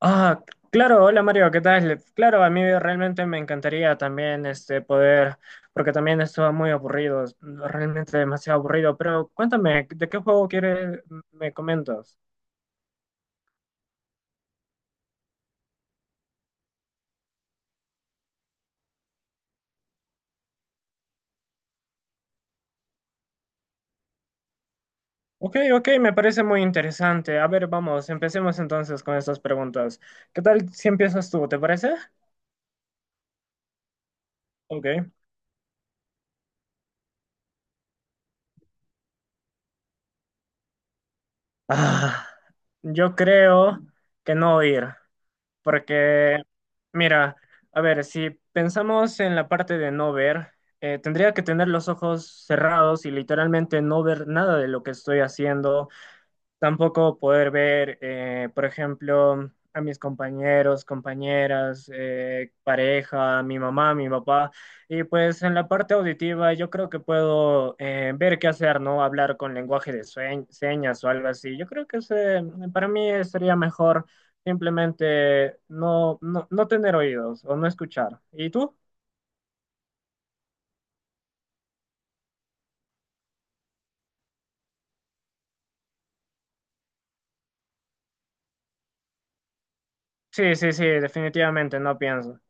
Ah, claro, hola Mario, ¿qué tal? Claro, a mí realmente me encantaría también este poder, porque también estuvo muy aburrido, realmente demasiado aburrido, pero cuéntame, ¿de qué juego quieres, me comentas? Ok, me parece muy interesante. A ver, vamos, empecemos entonces con estas preguntas. ¿Qué tal si empiezas tú, te parece? Ok. Ah, yo creo que no ir. Porque, mira, a ver, si pensamos en la parte de no ver, tendría que tener los ojos cerrados y literalmente no ver nada de lo que estoy haciendo. Tampoco poder ver, por ejemplo, a mis compañeros, compañeras, pareja, mi mamá, mi papá. Y pues en la parte auditiva yo creo que puedo ver qué hacer, ¿no? Hablar con lenguaje de señas o algo así. Yo creo que ese, para mí sería mejor simplemente no tener oídos o no escuchar. ¿Y tú? Sí, sí, sí, definitivamente no pienso.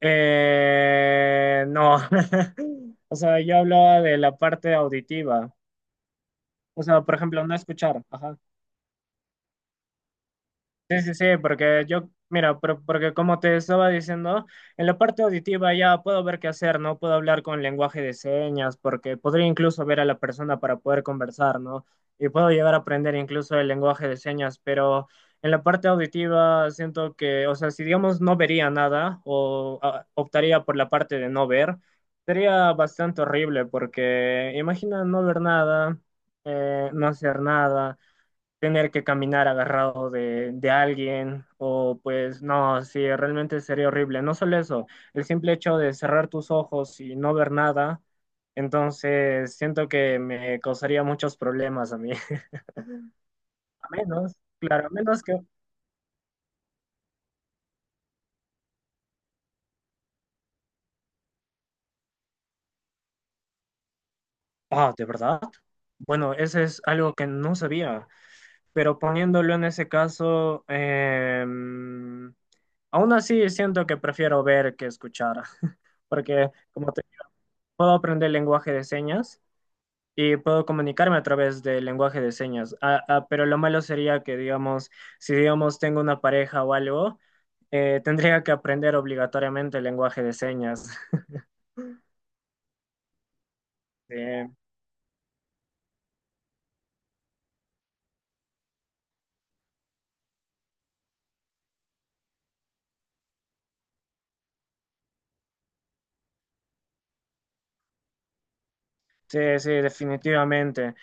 No, o sea, yo hablaba de la parte auditiva, o sea, por ejemplo, no escuchar, ajá. Sí, sí, sí, porque yo, mira, porque como te estaba diciendo, en la parte auditiva ya puedo ver qué hacer, ¿no? Puedo hablar con lenguaje de señas, porque podría incluso ver a la persona para poder conversar, ¿no? Y puedo llegar a aprender incluso el lenguaje de señas, pero en la parte auditiva siento que, o sea, si digamos no vería nada o ah, optaría por la parte de no ver, sería bastante horrible, porque imagina no ver nada, no hacer nada, tener que caminar agarrado de alguien o pues no, sí, realmente sería horrible. No solo eso, el simple hecho de cerrar tus ojos y no ver nada, entonces siento que me causaría muchos problemas a mí. A menos, claro, a menos que... Ah, ¿de verdad? Bueno, eso es algo que no sabía, pero poniéndolo en ese caso, aún así siento que prefiero ver que escuchar, porque como te puedo aprender lenguaje de señas y puedo comunicarme a través del lenguaje de señas. Ah, ah, pero lo malo sería que, digamos, si digamos tengo una pareja o algo, tendría que aprender obligatoriamente el lenguaje de señas. Eh, sí, sí, definitivamente.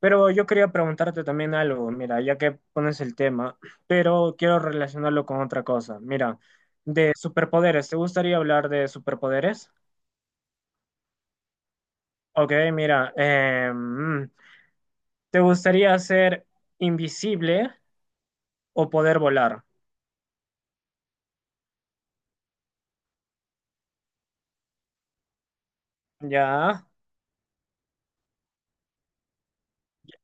Pero yo quería preguntarte también algo, mira, ya que pones el tema, pero quiero relacionarlo con otra cosa. Mira, de superpoderes, ¿te gustaría hablar de superpoderes? Ok, mira, ¿te gustaría ser invisible o poder volar? Ya,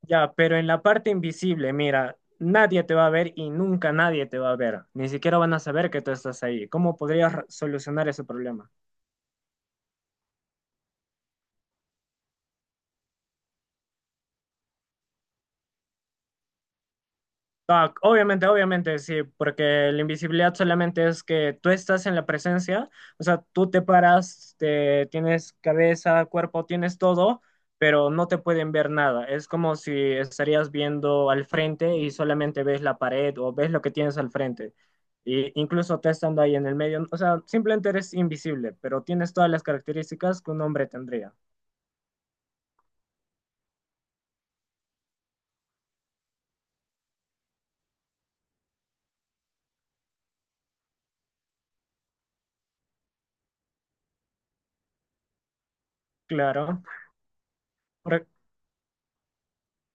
ya, pero en la parte invisible, mira, nadie te va a ver y nunca nadie te va a ver. Ni siquiera van a saber que tú estás ahí. ¿Cómo podrías solucionar ese problema? Ah, obviamente, obviamente, sí, porque la invisibilidad solamente es que tú estás en la presencia, o sea, tú te paras, tienes cabeza, cuerpo, tienes todo, pero no te pueden ver nada. Es como si estarías viendo al frente y solamente ves la pared o ves lo que tienes al frente. Y incluso te estando ahí en el medio, o sea, simplemente eres invisible, pero tienes todas las características que un hombre tendría. Claro.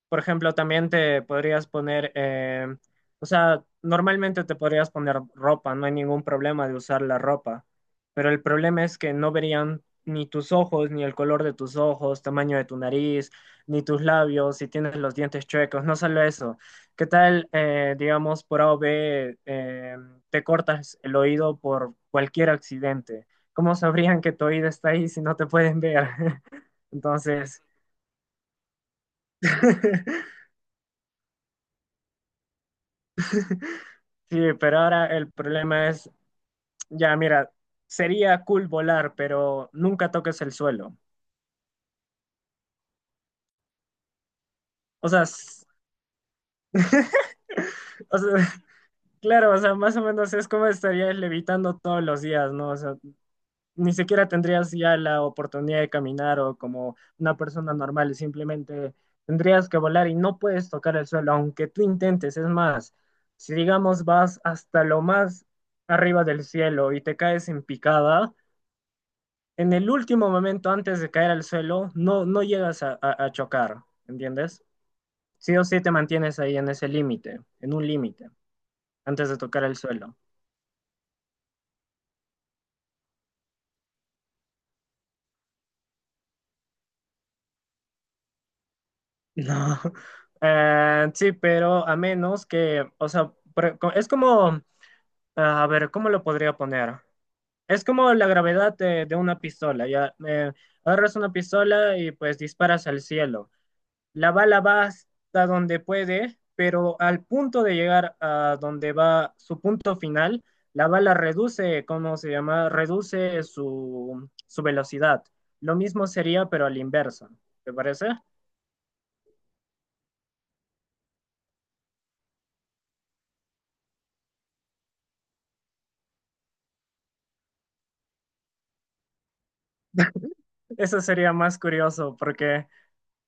Por ejemplo, también te podrías poner, o sea, normalmente te podrías poner ropa, no hay ningún problema de usar la ropa, pero el problema es que no verían ni tus ojos, ni el color de tus ojos, tamaño de tu nariz, ni tus labios, si tienes los dientes chuecos, no solo eso. ¿Qué tal, digamos, por A o B, te cortas el oído por cualquier accidente? ¿Cómo sabrían que tu oído está ahí si no te pueden ver? Entonces... Sí, pero ahora el problema es, ya mira, sería cool volar, pero nunca toques el suelo. O sea, s- o sea, claro, o sea, más o menos es como estarías levitando todos los días, ¿no? O sea, ni siquiera tendrías ya la oportunidad de caminar o como una persona normal, simplemente tendrías que volar y no puedes tocar el suelo, aunque tú intentes. Es más, si digamos vas hasta lo más arriba del cielo y te caes en picada, en el último momento antes de caer al suelo, no llegas a chocar, ¿entiendes? Sí o sí te mantienes ahí en ese límite, en un límite, antes de tocar el suelo. No. Sí, pero a menos que, o sea, es como, a ver, ¿cómo lo podría poner? Es como la gravedad de una pistola, ya. Agarras una pistola y pues disparas al cielo. La bala va hasta donde puede, pero al punto de llegar a donde va su punto final, la bala reduce, ¿cómo se llama? Reduce su velocidad. Lo mismo sería, pero al inverso. ¿Te parece? Eso sería más curioso porque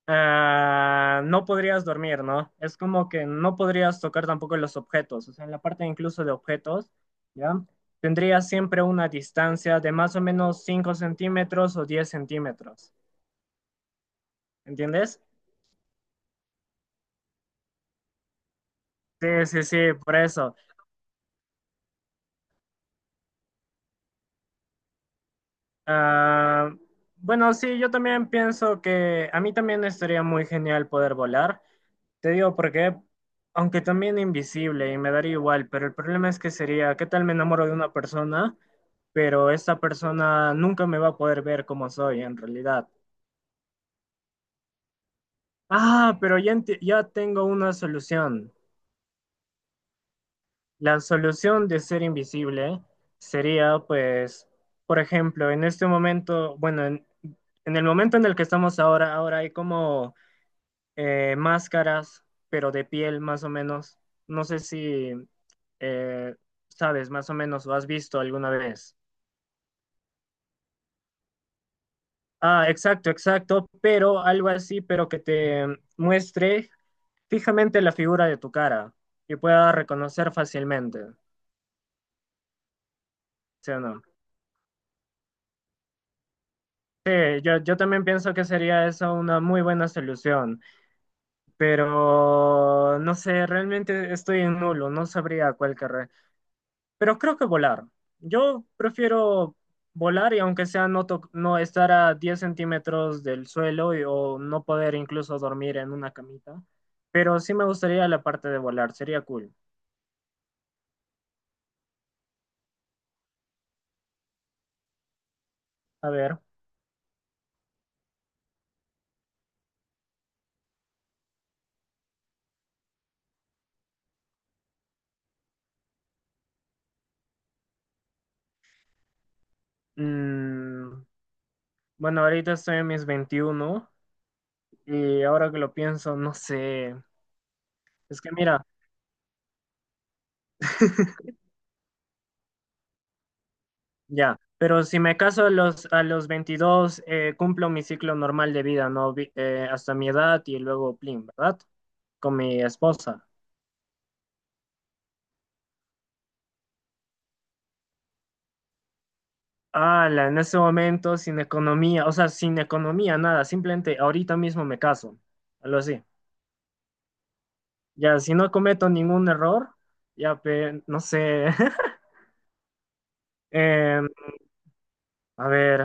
ah, no podrías dormir, ¿no? Es como que no podrías tocar tampoco los objetos. O sea, en la parte incluso de objetos, ¿ya? Tendrías siempre una distancia de más o menos 5 centímetros o 10 centímetros. ¿Entiendes? Sí, sí, sí, por eso. Ah, bueno, sí, yo también pienso que a mí también estaría muy genial poder volar. Te digo porque, aunque también invisible y me daría igual, pero el problema es que sería, ¿qué tal me enamoro de una persona? Pero esta persona nunca me va a poder ver como soy en realidad. Ah, pero ya, ya tengo una solución. La solución de ser invisible sería, pues, por ejemplo, en este momento, bueno, en el momento en el que estamos ahora, ahora hay como máscaras, pero de piel más o menos. No sé si eh, sabes más o menos o has visto alguna vez. Ah, exacto, exacto, pero algo así, pero que te muestre fijamente la figura de tu cara y pueda reconocer fácilmente, ¿sí o no? Sí, yo también pienso que sería eso una muy buena solución, pero no sé, realmente estoy en nulo, no sabría cuál querré, pero creo que volar. Yo prefiero volar y aunque sea no estar a 10 centímetros del suelo o no poder incluso dormir en una camita, pero sí me gustaría la parte de volar, sería cool. A ver, mm, bueno, ahorita estoy en mis 21 y ahora que lo pienso, no sé, es que mira. Ya, pero si me caso a los 22 cumplo mi ciclo normal de vida, ¿no? Hasta mi edad y luego, plin, ¿verdad? Con mi esposa. Ala, en ese momento, sin economía, o sea, sin economía, nada, simplemente ahorita mismo me caso, algo así. Ya, si no cometo ningún error, ya, no sé, eh, a ver,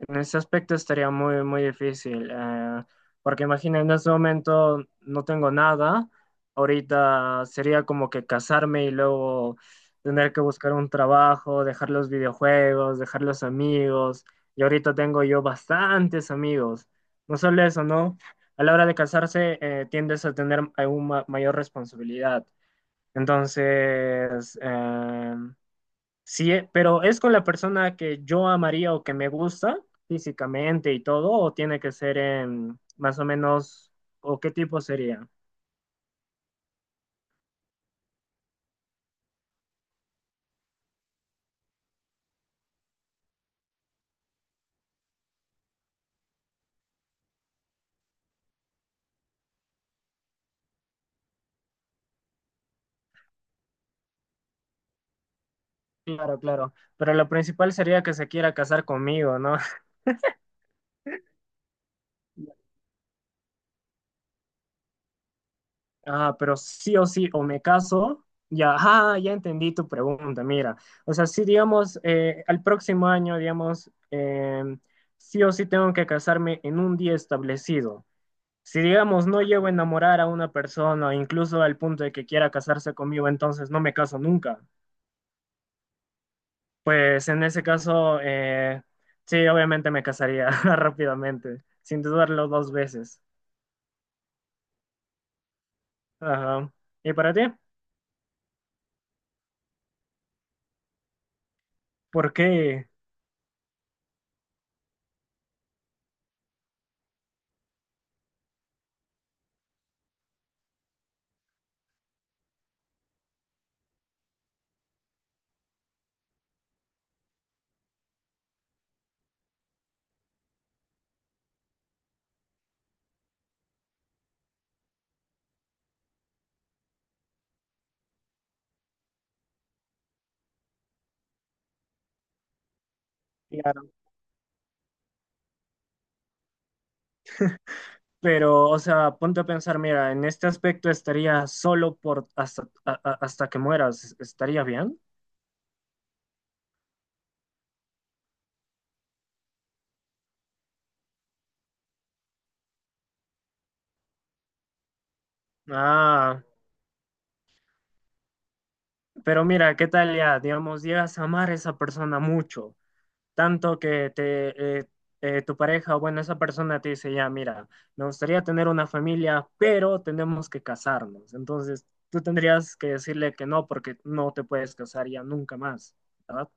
en ese aspecto estaría muy, muy difícil, porque imagina, en este momento no tengo nada, ahorita sería como que casarme y luego tener que buscar un trabajo, dejar los videojuegos, dejar los amigos, y ahorita tengo yo bastantes amigos. No solo eso, ¿no? A la hora de casarse, tiendes a tener aún mayor responsabilidad. Entonces, sí, pero ¿es con la persona que yo amaría o que me gusta físicamente y todo? ¿O tiene que ser en más o menos, o qué tipo sería? Claro, claro. Pero lo principal sería que se quiera casar conmigo, ¿no? Ah, pero sí o sí, o me caso, ya, ah, ya entendí tu pregunta, mira. O sea, sí, digamos, al próximo año, digamos, sí o sí tengo que casarme en un día establecido. Si digamos no llego a enamorar a una persona, incluso al punto de que quiera casarse conmigo, entonces no me caso nunca. Pues en ese caso, sí, obviamente me casaría rápidamente, sin dudarlo dos veces. Ajá. ¿Y para ti? ¿Por qué? Claro. Pero, o sea, ponte a pensar, mira, en este aspecto estaría solo por hasta, hasta que mueras, ¿estaría bien? Ah, pero mira, ¿qué tal ya? Digamos, llegas a amar a esa persona mucho, tanto que te, tu pareja o bueno, esa persona te dice, ya, mira, me gustaría tener una familia, pero tenemos que casarnos. Entonces, tú tendrías que decirle que no, porque no te puedes casar ya nunca más, ¿verdad?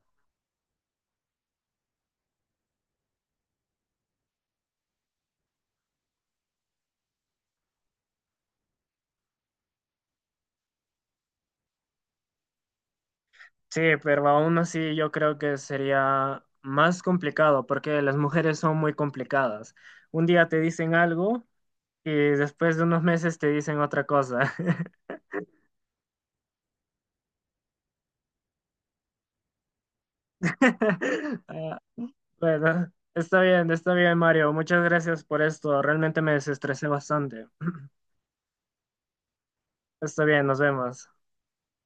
Sí, pero aún así yo creo que sería más complicado, porque las mujeres son muy complicadas. Un día te dicen algo y después de unos meses te dicen otra cosa. Ah, bueno, está bien, Mario. Muchas gracias por esto. Realmente me desestresé bastante. Está bien, nos vemos.